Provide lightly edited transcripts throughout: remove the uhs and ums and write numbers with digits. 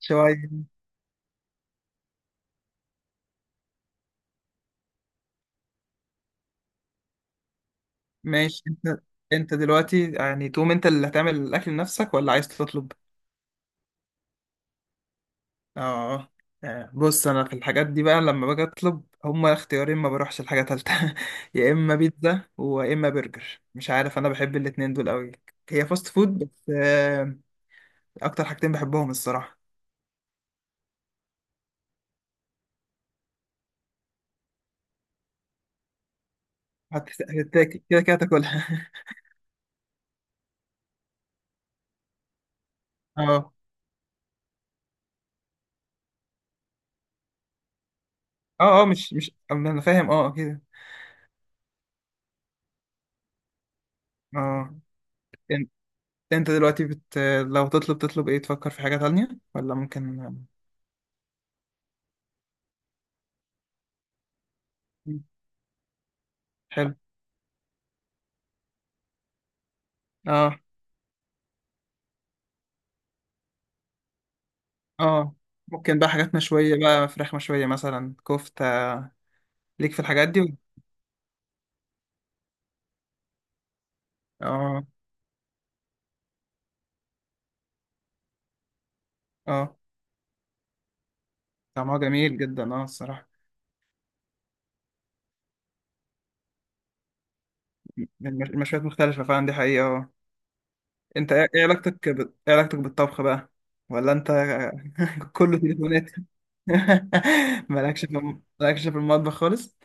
شوية. ماشي. انت دلوقتي يعني تقوم، انت اللي هتعمل الاكل لنفسك ولا عايز تطلب؟ اه. بص، انا في الحاجات دي بقى لما باجي اطلب هما اختيارين، ما بروحش لحاجه تالتة. يا اما بيتزا ويا اما برجر، مش عارف، انا بحب الاتنين دول قوي. هي فاست فود بس. اكتر حاجتين بحبهم الصراحه. هتاكل كده كده هتاكلها. اه، اه، اه مش انا فاهم، اه كده. اه. انت دلوقتي بت... لو تطلب ايه؟ تفكر في حاجة تانية ولا ممكن؟ حلو. اه، اه، ممكن بقى حاجات مشوية بقى، فراخ مشوية مثلا، كفتة. ليك في الحاجات دي؟ اه، اه، طعمها جميل جدا اه الصراحة. المشويات مختلفة فعلا، دي حقيقة، اه. انت ايه، علاقتك ب... ايه علاقتك بالطبخ بقى؟ ولا انت كله تليفونات؟ مالكش في المطبخ خالص؟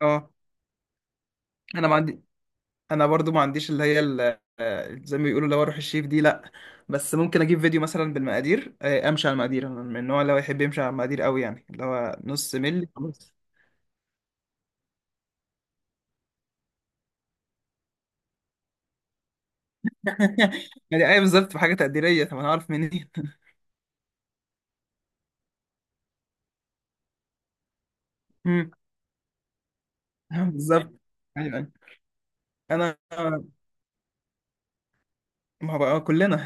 اه. انا ما عندي، انا برضو ما عنديش اللي هي زي ما بيقولوا لو اروح الشيف دي، لا. بس ممكن اجيب فيديو مثلا بالمقادير، امشي على المقادير. أنا من النوع اللي هو يحب يمشي على المقادير قوي، يعني اللي هو نص ملي خلاص. يعني ايه بالظبط؟ بحاجه تقديريه؟ طب انا عارف منين؟ مم. بالظبط. ايوه، أيوة. انا، ما هو بقى كلنا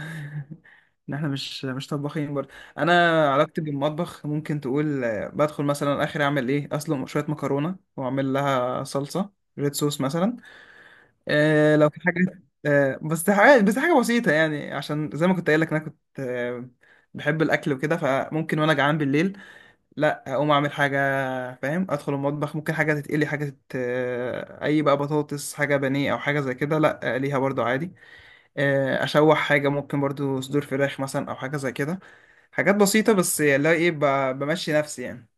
ان احنا مش طباخين برضه. انا علاقتي بالمطبخ ممكن تقول بدخل مثلا اخر اعمل ايه اصلا شويه مكرونه واعمل لها صلصه، ريد صوص مثلا. لو في حاجة، بس حاجة بسيطة يعني، عشان زي ما كنت قايل لك أنا كنت بحب الأكل وكده، فممكن وأنا جعان بالليل لأ أقوم أعمل حاجة. فاهم؟ أدخل المطبخ، ممكن حاجة تتقلي، حاجة تت... آه، أي بقى، بطاطس، حاجة بانيه أو حاجة زي كده لأ ليها برضو عادي. أشوح حاجة، ممكن برضو صدور فراخ مثلا أو حاجة زي كده. حاجات بسيطة بس اللي هو إيه، بمشي نفسي يعني.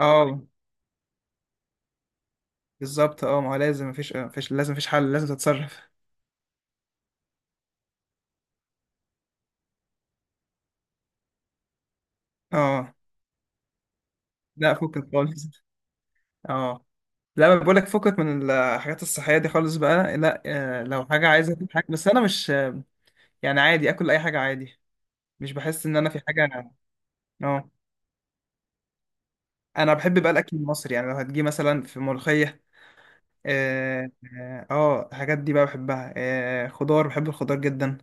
أه بالظبط. أه ما هو لازم، مفيش لازم، مفيش حل، لازم تتصرف. أه لأ، فكك خالص. اه لا، ما بقولك فكك من الحاجات الصحية دي خالص بقى، لا. لو حاجة عايزة اكل حاجة، بس انا مش يعني، عادي اكل اي حاجة عادي، مش بحس ان انا في حاجة. اه. انا بحب بقى الاكل المصري، يعني لو هتجي مثلا في ملوخية. اه، اه، الحاجات دي بقى بحبها، آه، خضار، بحب الخضار جدا.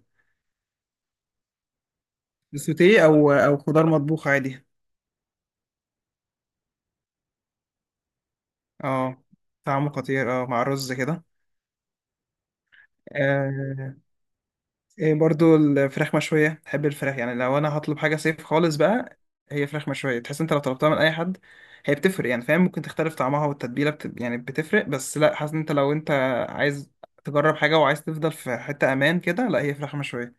سوتيه او خضار مطبوخ عادي. اه طعمه خطير، اه مع رز كده. آه. إيه برضو الفراخ مشوية، تحب الفراخ؟ يعني لو أنا هطلب حاجة صيف خالص بقى، هي فراخ مشوية. تحس أنت لو طلبتها من أي حد هي بتفرق، يعني فاهم ممكن تختلف طعمها يعني بتفرق، بس لا حاسس إن أنت، لو عايز تجرب حاجة وعايز تفضل في حتة أمان كده، لا، هي فراخ مشوية،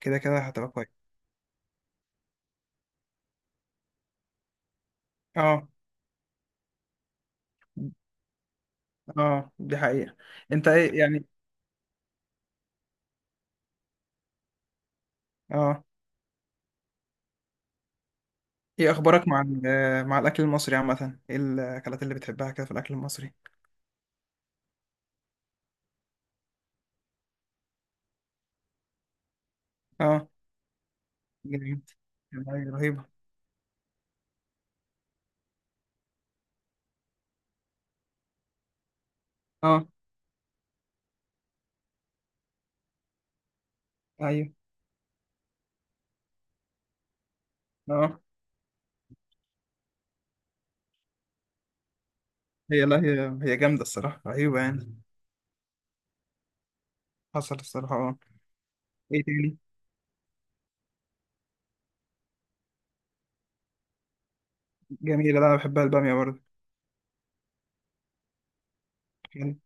كده كده هتبقى كويس. اه، اه، دي حقيقة. أنت إيه يعني؟ اه. أخبارك مع مع الأكل المصري عامة؟ إيه الأكلات اللي بتحبها كده في الأكل المصري؟ اه جميل. رهيبة. اه، أيوه، اه. هي لا هي جامدة الصراحة، رهيبة يعني. حصل الصراحة، اه. ايه تاني؟ جميلة، لا أنا بحبها البامية برضه. يعني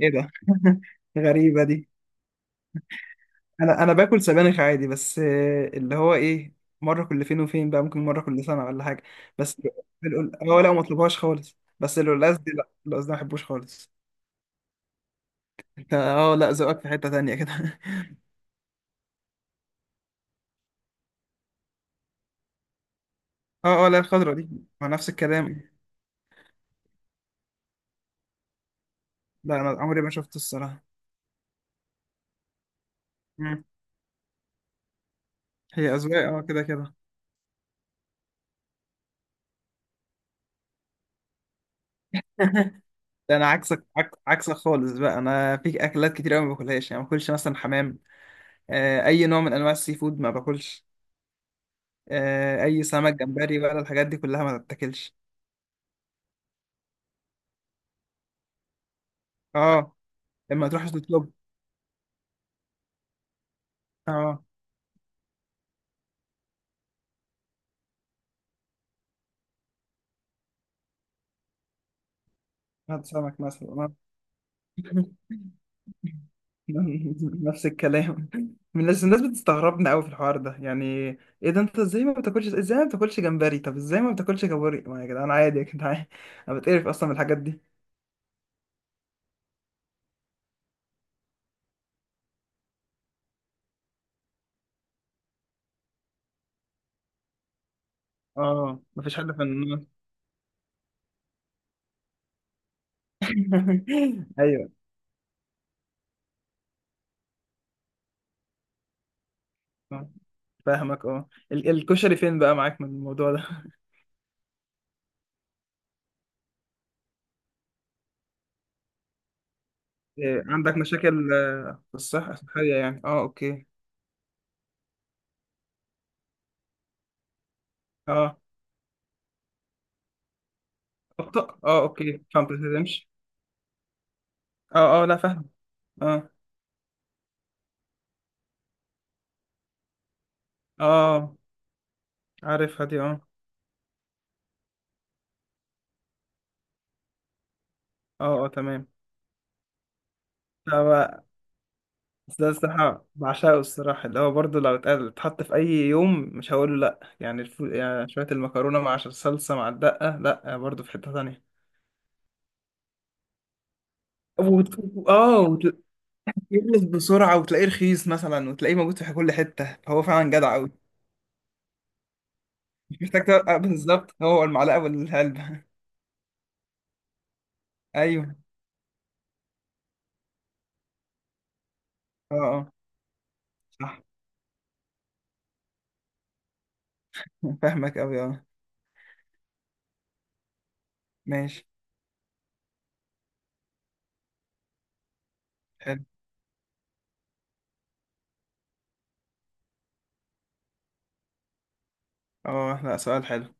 ايه ده؟ غريبة دي. انا باكل سبانخ عادي، بس اللي هو ايه، مرة كل فين وفين بقى، ممكن مرة كل سنة ولا حاجة. بس اه لا، ما اطلبهاش خالص، بس القلقاس دي، لا، القلقاس ده ما بحبوش خالص. انت اه، لا ذوقك في حتة تانية كده. اه، اه، لا الخضرة دي ما نفس الكلام. لا انا عمري ما شفته الصراحة. مم. هي أذواق اه، كده كده. ده انا عكسك، عكسك خالص بقى. انا في اكلات كتير قوي ما باكلهاش، يعني ما باكلش مثلا حمام. اي نوع من انواع السي فود ما باكلش. اي سمك، جمبري بقى، الحاجات دي كلها ما تتاكلش. اه. لما تروح تطلب، اه، هات سمك مثلا. آه. نفس الكلام. من الناس بتستغربنا قوي في الحوار ده يعني. ايه ده، انت ازاي ما بتاكلش؟ ازاي ما بتاكلش جمبري؟ طب ازاي ما بتاكلش كابوري؟ ما يا جدعان عادي، يا جدعان. انا بتقرف اصلا من الحاجات دي. اه مفيش حد في النص. ايوه. آه، فاهمك. اه الكشري فين بقى معاك من الموضوع ده؟ إيه، عندك مشاكل في الصحة الصحية يعني؟ اه اوكي. اه اخطأ، اه اوكي فهمت، تمشي. اه، اه، لا فاهم. اه، اه، عارفها دي، اه. اه، اه، تمام. هو ده الصراحة بعشقه الصراحة، اللي هو برضه لو اتحط في أي يوم مش هقول له لأ يعني, يعني شوية المكرونة مع صلصة مع الدقة، لأ برضه في حتة تانية. اه. يخلص بسرعة وتلاقيه رخيص مثلا، وتلاقيه موجود في كل حتة، فهو فعلا جدع أوي. مش محتاج بالظبط، هو المعلقة والعلبة. أيوه، اه، اه صح. فاهمك أوي، اه. ماشي. حلو. اه لا، سؤال حلو.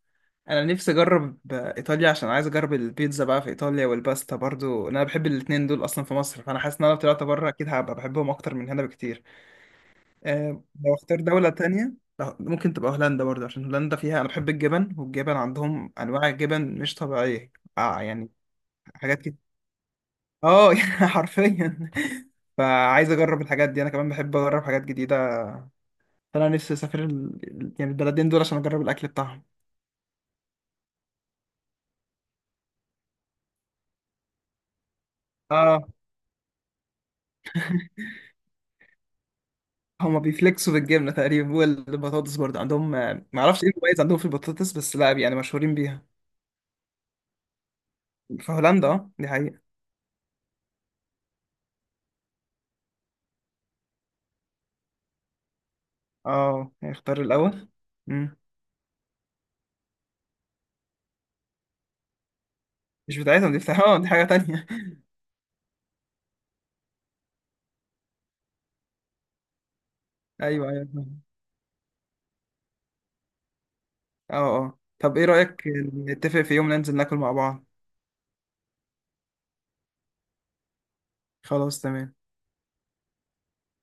أنا نفسي أجرب إيطاليا، عشان عايز أجرب البيتزا بقى في إيطاليا، والباستا برضو، أنا بحب الاتنين دول أصلا في مصر، فأنا حاسس إن أنا لو طلعت بره أكيد هبقى بحبهم أكتر من هنا بكتير. لو اختار دولة تانية، لا، ممكن تبقى هولندا برضه، عشان هولندا فيها، أنا بحب الجبن، والجبن عندهم أنواع جبن مش طبيعية. آه يعني، حاجات كتير. اه يعني حرفيا. فعايز اجرب الحاجات دي، انا كمان بحب اجرب حاجات جديده. فانا نفسي اسافر ال... يعني البلدين دول، عشان اجرب الاكل بتاعهم. اه، هما بيفلكسوا بالجبنه تقريبا، والبطاطس برضه عندهم، ما اعرفش ايه المميز عندهم في البطاطس بس، لا يعني مشهورين بيها. في هولندا، اه دي حقيقه. اه، يعني اختار الاول. مم. مش بتاعتهم، دي بتاعتهم، اه دي حاجه تانية. ايوه، ايوه، فاهم. اه، اه طب ايه رايك نتفق في يوم ننزل ناكل مع بعض؟ خلاص تمام.